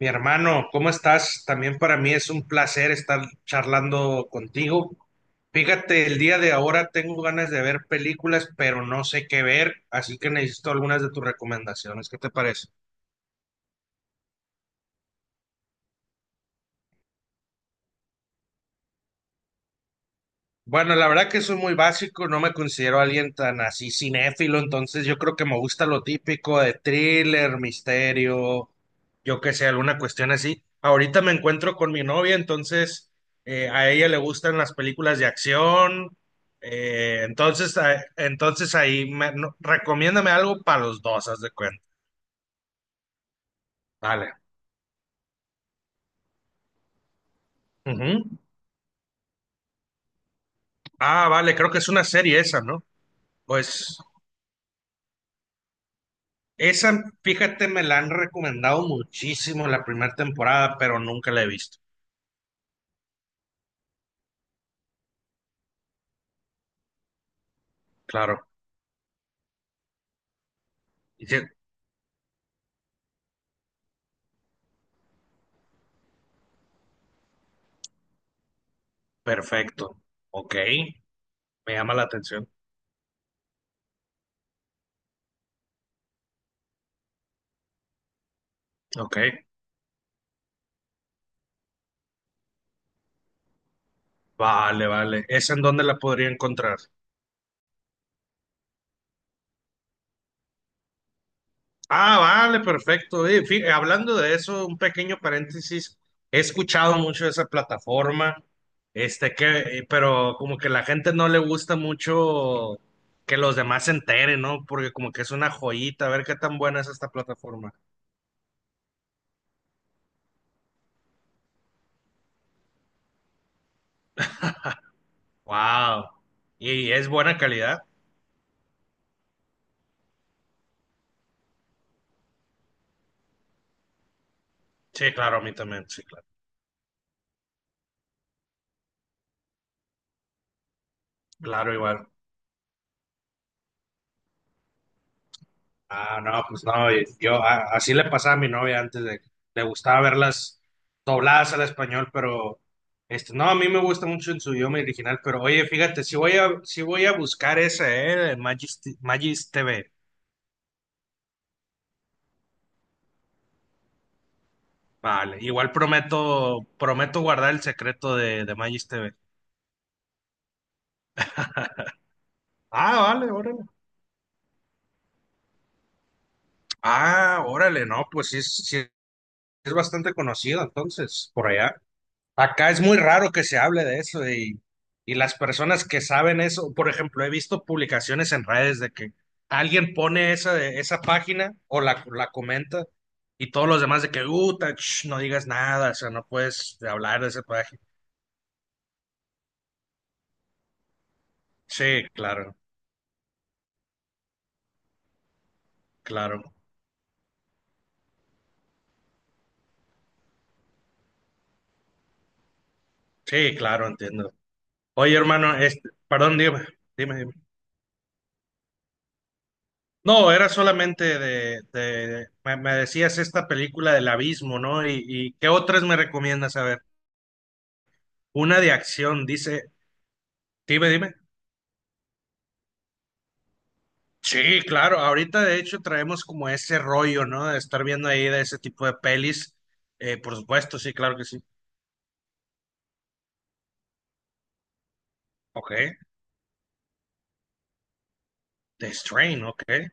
Mi hermano, ¿cómo estás? También para mí es un placer estar charlando contigo. Fíjate, el día de ahora tengo ganas de ver películas, pero no sé qué ver, así que necesito algunas de tus recomendaciones. ¿Qué te parece? Bueno, la verdad que soy muy básico, no me considero alguien tan así cinéfilo, entonces yo creo que me gusta lo típico de thriller, misterio, yo qué sé, alguna cuestión así. Ahorita me encuentro con mi novia, entonces a ella le gustan las películas de acción, entonces ahí me, no- recomiéndame algo para los dos, haz de cuenta. Vale. Ujú. Ah, vale, creo que es una serie esa, ¿no? Pues. Esa, fíjate, me la han recomendado muchísimo la primera temporada, pero nunca la he visto. Claro. Y dice, perfecto. Ok. Me llama la atención. Ok. Vale, vale. ¿Esa en dónde la podría encontrar? Ah, vale, perfecto. Hablando de eso, un pequeño paréntesis. He escuchado mucho de esa plataforma, este que, pero como que la gente no le gusta mucho que los demás se enteren, ¿no? Porque como que es una joyita, a ver qué tan buena es esta plataforma. Wow. ¿Y es buena calidad? Sí, claro, a mí también, sí, claro. Claro, igual. Ah, no, pues no, y yo así le pasaba a mi novia antes de le gustaba verlas dobladas al español, pero este, no, a mí me gusta mucho en su idioma original, pero oye, fíjate, si voy a buscar esa, de Magis TV. Vale, igual prometo guardar el secreto de Magis TV. Ah, vale, órale. Ah, órale, no, pues sí, sí es bastante conocido entonces por allá. Acá es muy raro que se hable de eso y las personas que saben eso, por ejemplo, he visto publicaciones en redes de que alguien pone esa, esa página o la comenta y todos los demás de que, no digas nada, o sea, no puedes hablar de esa página. Sí, claro, claro, sí, claro, entiendo. Oye, hermano, este, perdón, dime, dime. No, era solamente me, me decías esta película del abismo, ¿no? Y ¿qué otras me recomiendas? A ver. Una de acción, dice. Dime. Sí, claro. Ahorita de hecho traemos como ese rollo, ¿no? De estar viendo ahí de ese tipo de pelis. Por supuesto, sí, claro que sí. Ok. The Strain, ok.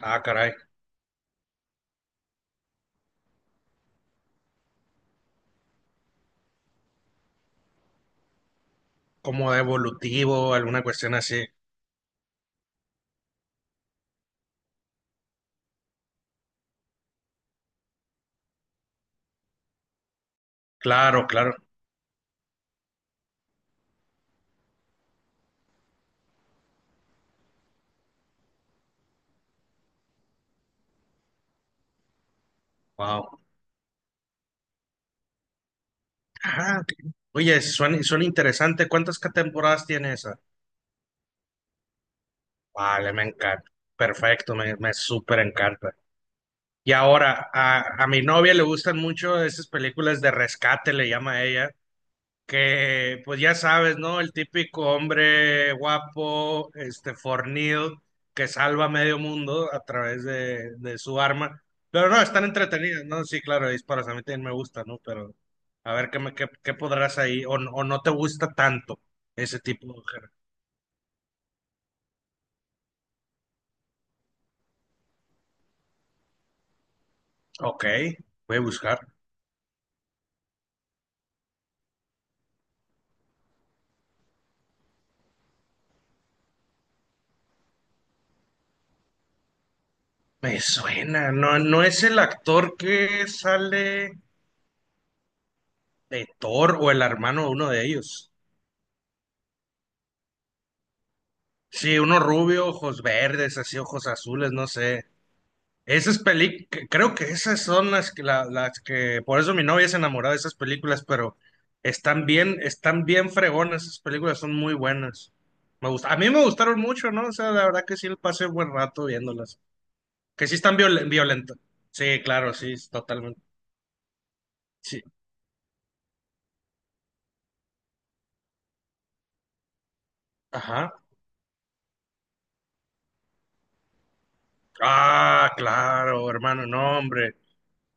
Ah, caray. Como de evolutivo, alguna cuestión así. Claro, claro. Wow. Ah, ok. Oye, suena, suena interesante. ¿Cuántas temporadas tiene esa? Vale, me encanta. Perfecto, me súper encanta. Y ahora, a mi novia le gustan mucho esas películas de rescate, le llama a ella que pues ya sabes, ¿no? El típico hombre guapo, este, fornido, que salva a medio mundo a través de su arma. Pero no, están entretenidas, ¿no? Sí, claro, disparos, a mí también me gusta, ¿no? Pero a ver qué, qué podrás ahí, o no te gusta tanto ese tipo de género. Ok, voy a buscar. Me suena, no, no es el actor que sale de Thor o el hermano de uno de ellos. Sí, uno rubio, ojos verdes, así ojos azules, no sé. Esas películas, creo que esas son las que, las que, por eso mi novia se enamoró de esas películas, pero están bien fregonas, esas películas son muy buenas. Me gusta, a mí me gustaron mucho, ¿no? O sea, la verdad que sí le pasé buen rato viéndolas. Que sí están violentas. Sí, claro, sí, totalmente. Sí, ajá. Ah, claro, hermano, no, hombre.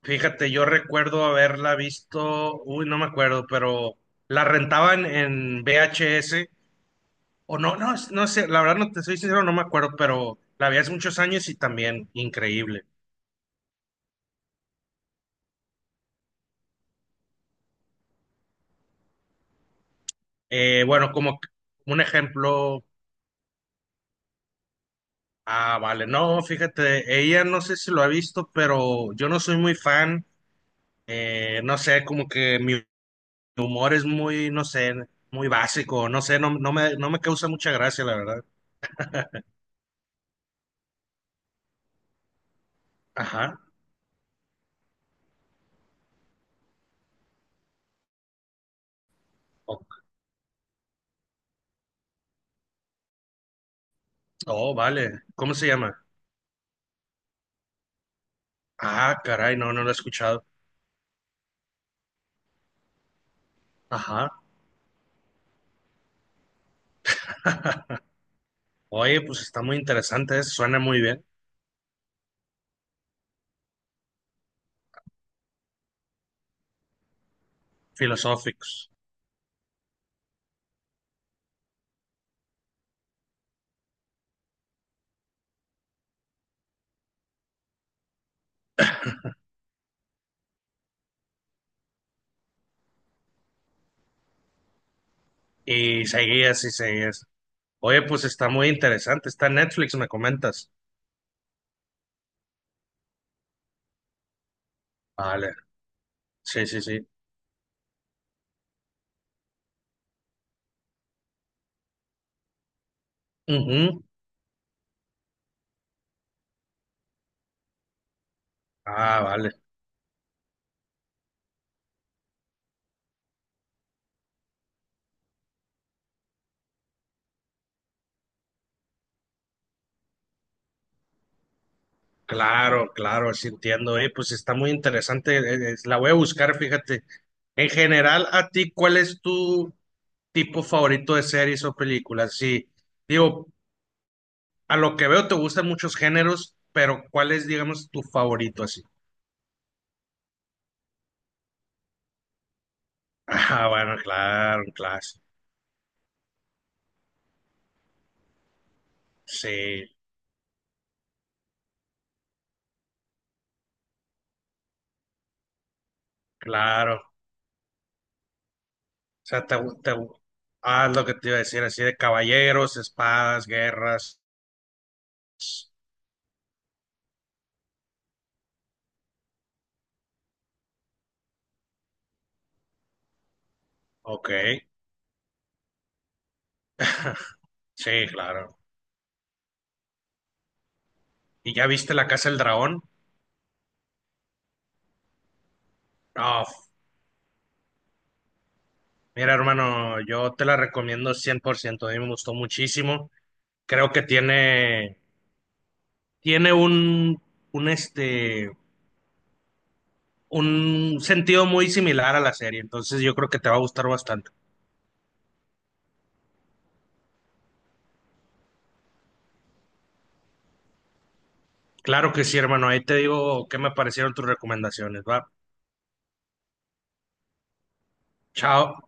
Fíjate, yo recuerdo haberla visto, uy, no me acuerdo, pero la rentaban en VHS. O no, no, no sé, la verdad no te soy sincero, no me acuerdo, pero la vi hace muchos años y también increíble. Eh, bueno, como c- un ejemplo, ah, vale, no, fíjate, ella no sé si lo ha visto, pero yo no soy muy fan, no sé, como que mi humor es muy, no sé, muy básico, no sé, no me causa mucha gracia, la verdad. Ajá, oh, oh, vale, ¿cómo se llama? Ah, caray, no, no lo he escuchado. Ajá, oye, pues está muy interesante, eso, suena muy bien, filosóficos. Y seguías y seguías. Oye, pues está muy interesante. Está en Netflix, me comentas. Vale, sí, sí, sí. Ujú. Ah, vale. Claro, claro, sí entiendo. Oye, pues está muy interesante. La voy a buscar, fíjate. En general, a ti, ¿cuál es tu tipo favorito de series o películas? Sí, digo, a lo que veo te gustan muchos géneros, pero ¿cuál es, digamos, tu favorito así? Ah, bueno, claro, claro. Sí, claro. O sea, ah, lo que te iba a decir, así de caballeros, espadas, guerras. Ok. Sí, claro. ¿Y ya viste La Casa del Dragón? No, mira, hermano, yo te la recomiendo cien por ciento. A mí me gustó muchísimo. Creo que tiene, tiene un, un, este, un sentido muy similar a la serie. Entonces, yo creo que te va a gustar bastante. Claro que sí, hermano. Ahí te digo qué me parecieron tus recomendaciones, ¿va? Chao.